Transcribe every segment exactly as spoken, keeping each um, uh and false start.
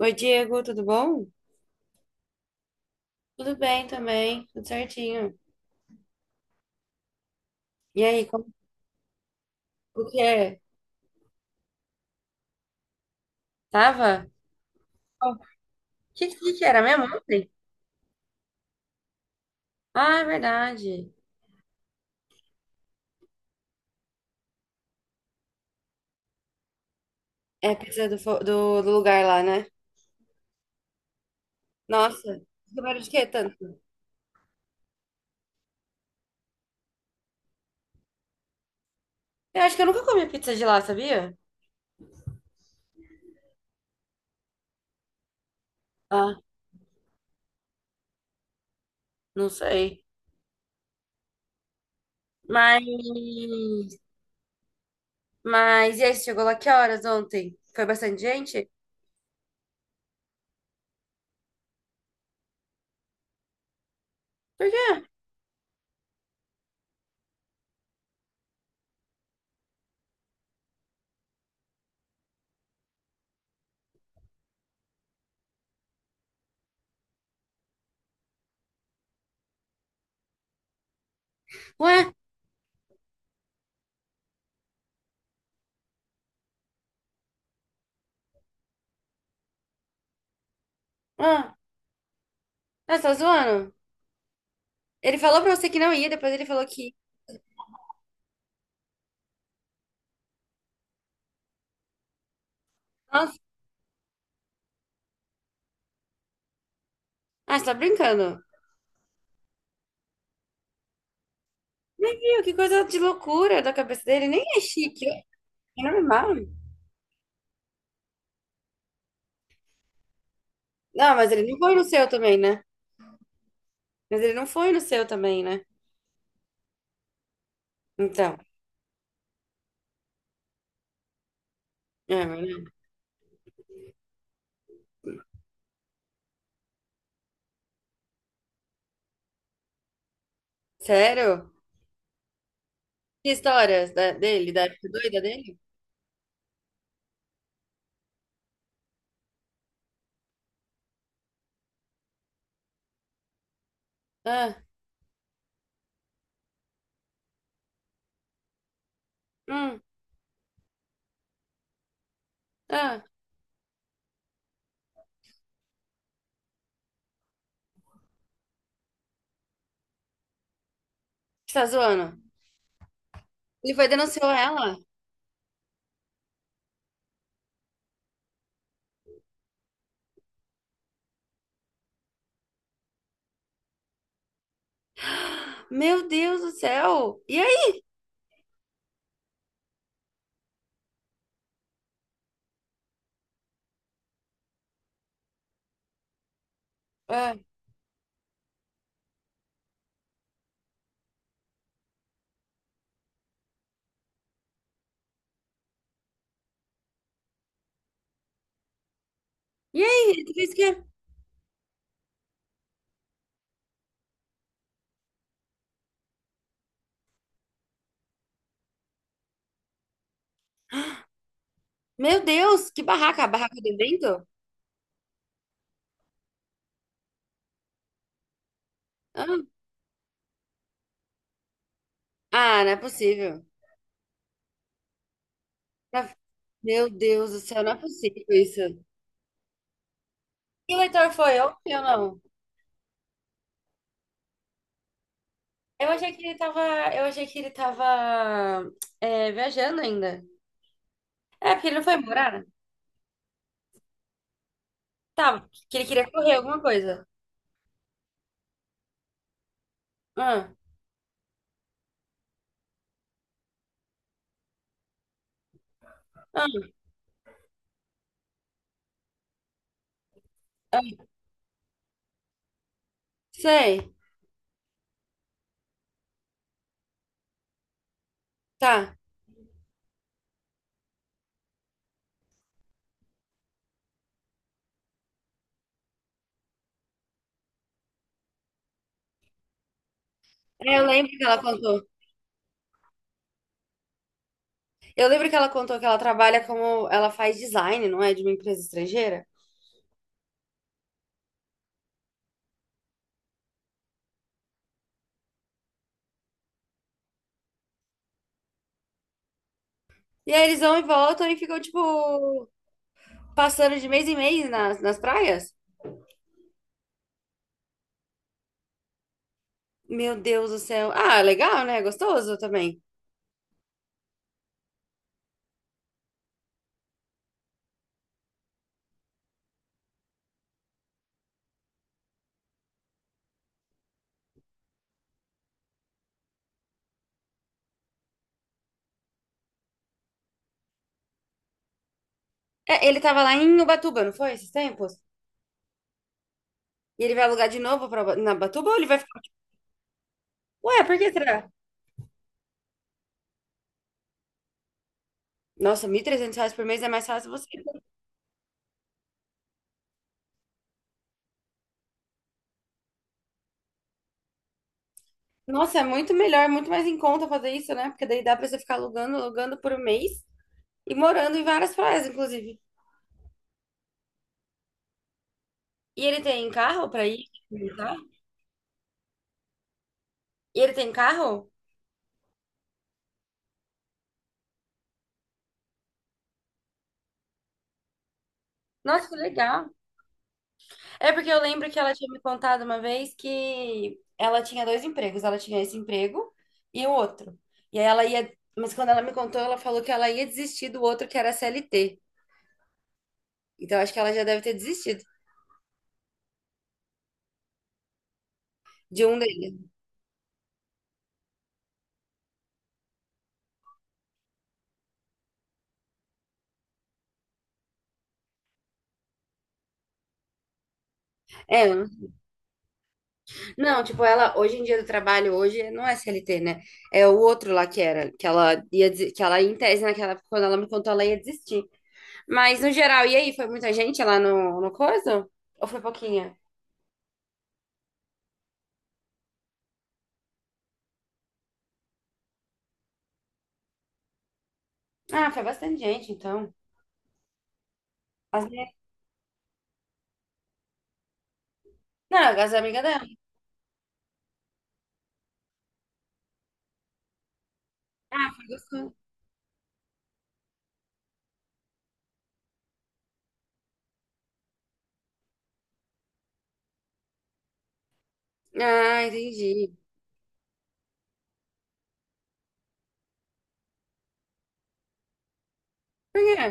Oi, Diego, tudo bom? Tudo bem também, tudo certinho. E aí, como, o que é? Tava? O que, que que era mesmo ontem? Ah, é verdade. É pizza do, fo- do, do lugar lá, né? Nossa, comeram de quê tanto? Eu acho que eu nunca comi pizza de lá, sabia? Ah, não sei. Mas, mas e aí, você chegou lá que horas ontem? Foi bastante gente? Por quê? Ué? Ah, ah, você tá zoando? Ele falou pra você que não ia, depois ele falou que... Nossa, ah, você tá brincando. Nem viu, que coisa de loucura da cabeça dele. Nem é chique, é normal. Não, mas ele não foi no seu também, né? Mas ele não foi no seu também, né? Então, é, mas não. Sério? Que histórias da- dele, da época doida dele? Ah, hum, ah, você tá zoando? Ele foi e denunciou ela? Meu Deus do céu! E aí? Ah, e aí? Ele fez o quê? Meu Deus, que barraca! A barraca do vento? Ah, ah, não é possível. Não é- Meu Deus do céu, não é possível isso. E o leitor foi ontem ou não? Eu achei que ele tava, eu achei que ele tava, é, viajando ainda. É, porque ele não foi morar. Tava, que ele queria correr alguma coisa. Ah, ah, sei. Tá. É, eu lembro que ela contou. Eu lembro que ela contou que ela trabalha, como ela faz design, não é? De uma empresa estrangeira. E aí eles vão e voltam e ficam, tipo, passando de mês em mês nas, nas praias. Meu Deus do céu. Ah, legal, né? Gostoso também. É, ele tava lá em Ubatuba, não foi? Esses tempos? E ele vai alugar de novo pra, na Batuba, ou ele vai ficar. Ué, por que será? Nossa, mil e trezentos reais por mês é mais fácil você. Nossa, é muito melhor, é muito mais em conta fazer isso, né? Porque daí dá pra você ficar alugando, alugando por um mês e morando em várias praias, inclusive. E ele tem carro pra ir? Visitar? E ele tem carro? Nossa, que legal. É porque eu lembro que ela tinha me contado uma vez que ela tinha dois empregos. Ela tinha esse emprego e o outro. E aí ela ia. Mas quando ela me contou, ela falou que ela ia desistir do outro que era C L T. Então acho que ela já deve ter desistido de um deles. É, um. Não, tipo, ela hoje em dia, do trabalho hoje não é C L T, né? É o outro lá que era, que ela ia desi- que ela, em tese, naquela época, quando ela me contou, ela ia desistir. Mas no geral, e aí, foi muita gente lá no no coisa? Ou foi pouquinha? Ah, foi bastante gente, então. As minhas... Não, as amigas dela. Ah, foi gostoso. Ah, entendi. Por quê?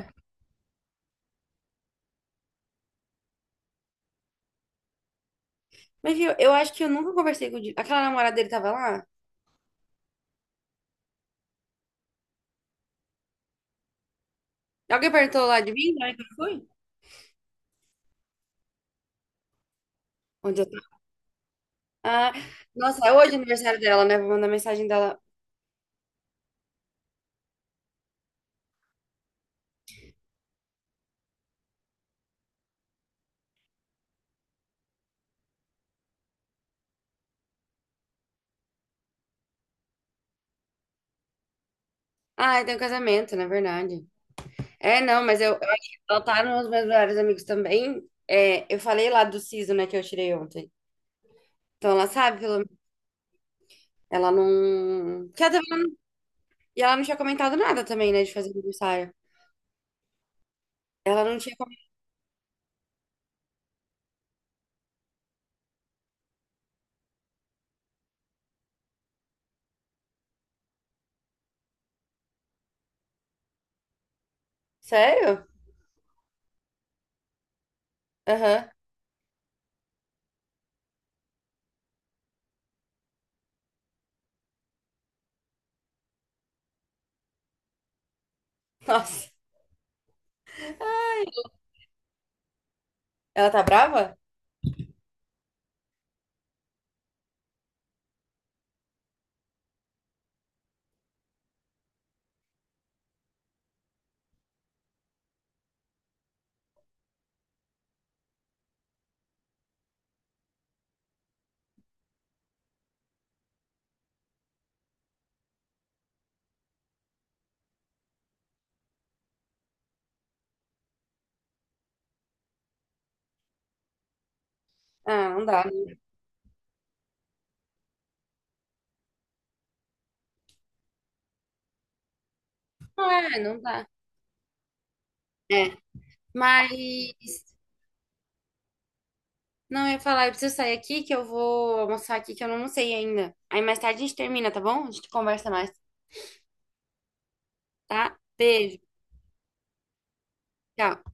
Mas viu, eu acho que eu nunca conversei com o Di- aquela namorada dele tava lá. Alguém perguntou lá de mim, na hora que eu fui? Onde eu... Ah, nossa, é hoje o aniversário dela, né? Vou mandar mensagem dela. Ah, é, tem um casamento, na verdade. É, não, mas eu, eu acho que ela tá nos meus melhores amigos também. É, eu falei lá do siso, né, que eu tirei ontem. Então ela sabe, pelo... ela não. Que ela também não... E ela não tinha comentado nada também, né, de fazer aniversário. Ela não tinha comentado. Sério? Aham. Nossa. Ela tá brava? Ah, não dá, né? Não é, não dá. É. Mas... Não, eu ia falar, eu preciso sair aqui que eu vou almoçar aqui que eu não almocei ainda. Aí mais tarde a gente termina, tá bom? A gente conversa mais, tá? Beijo, tchau.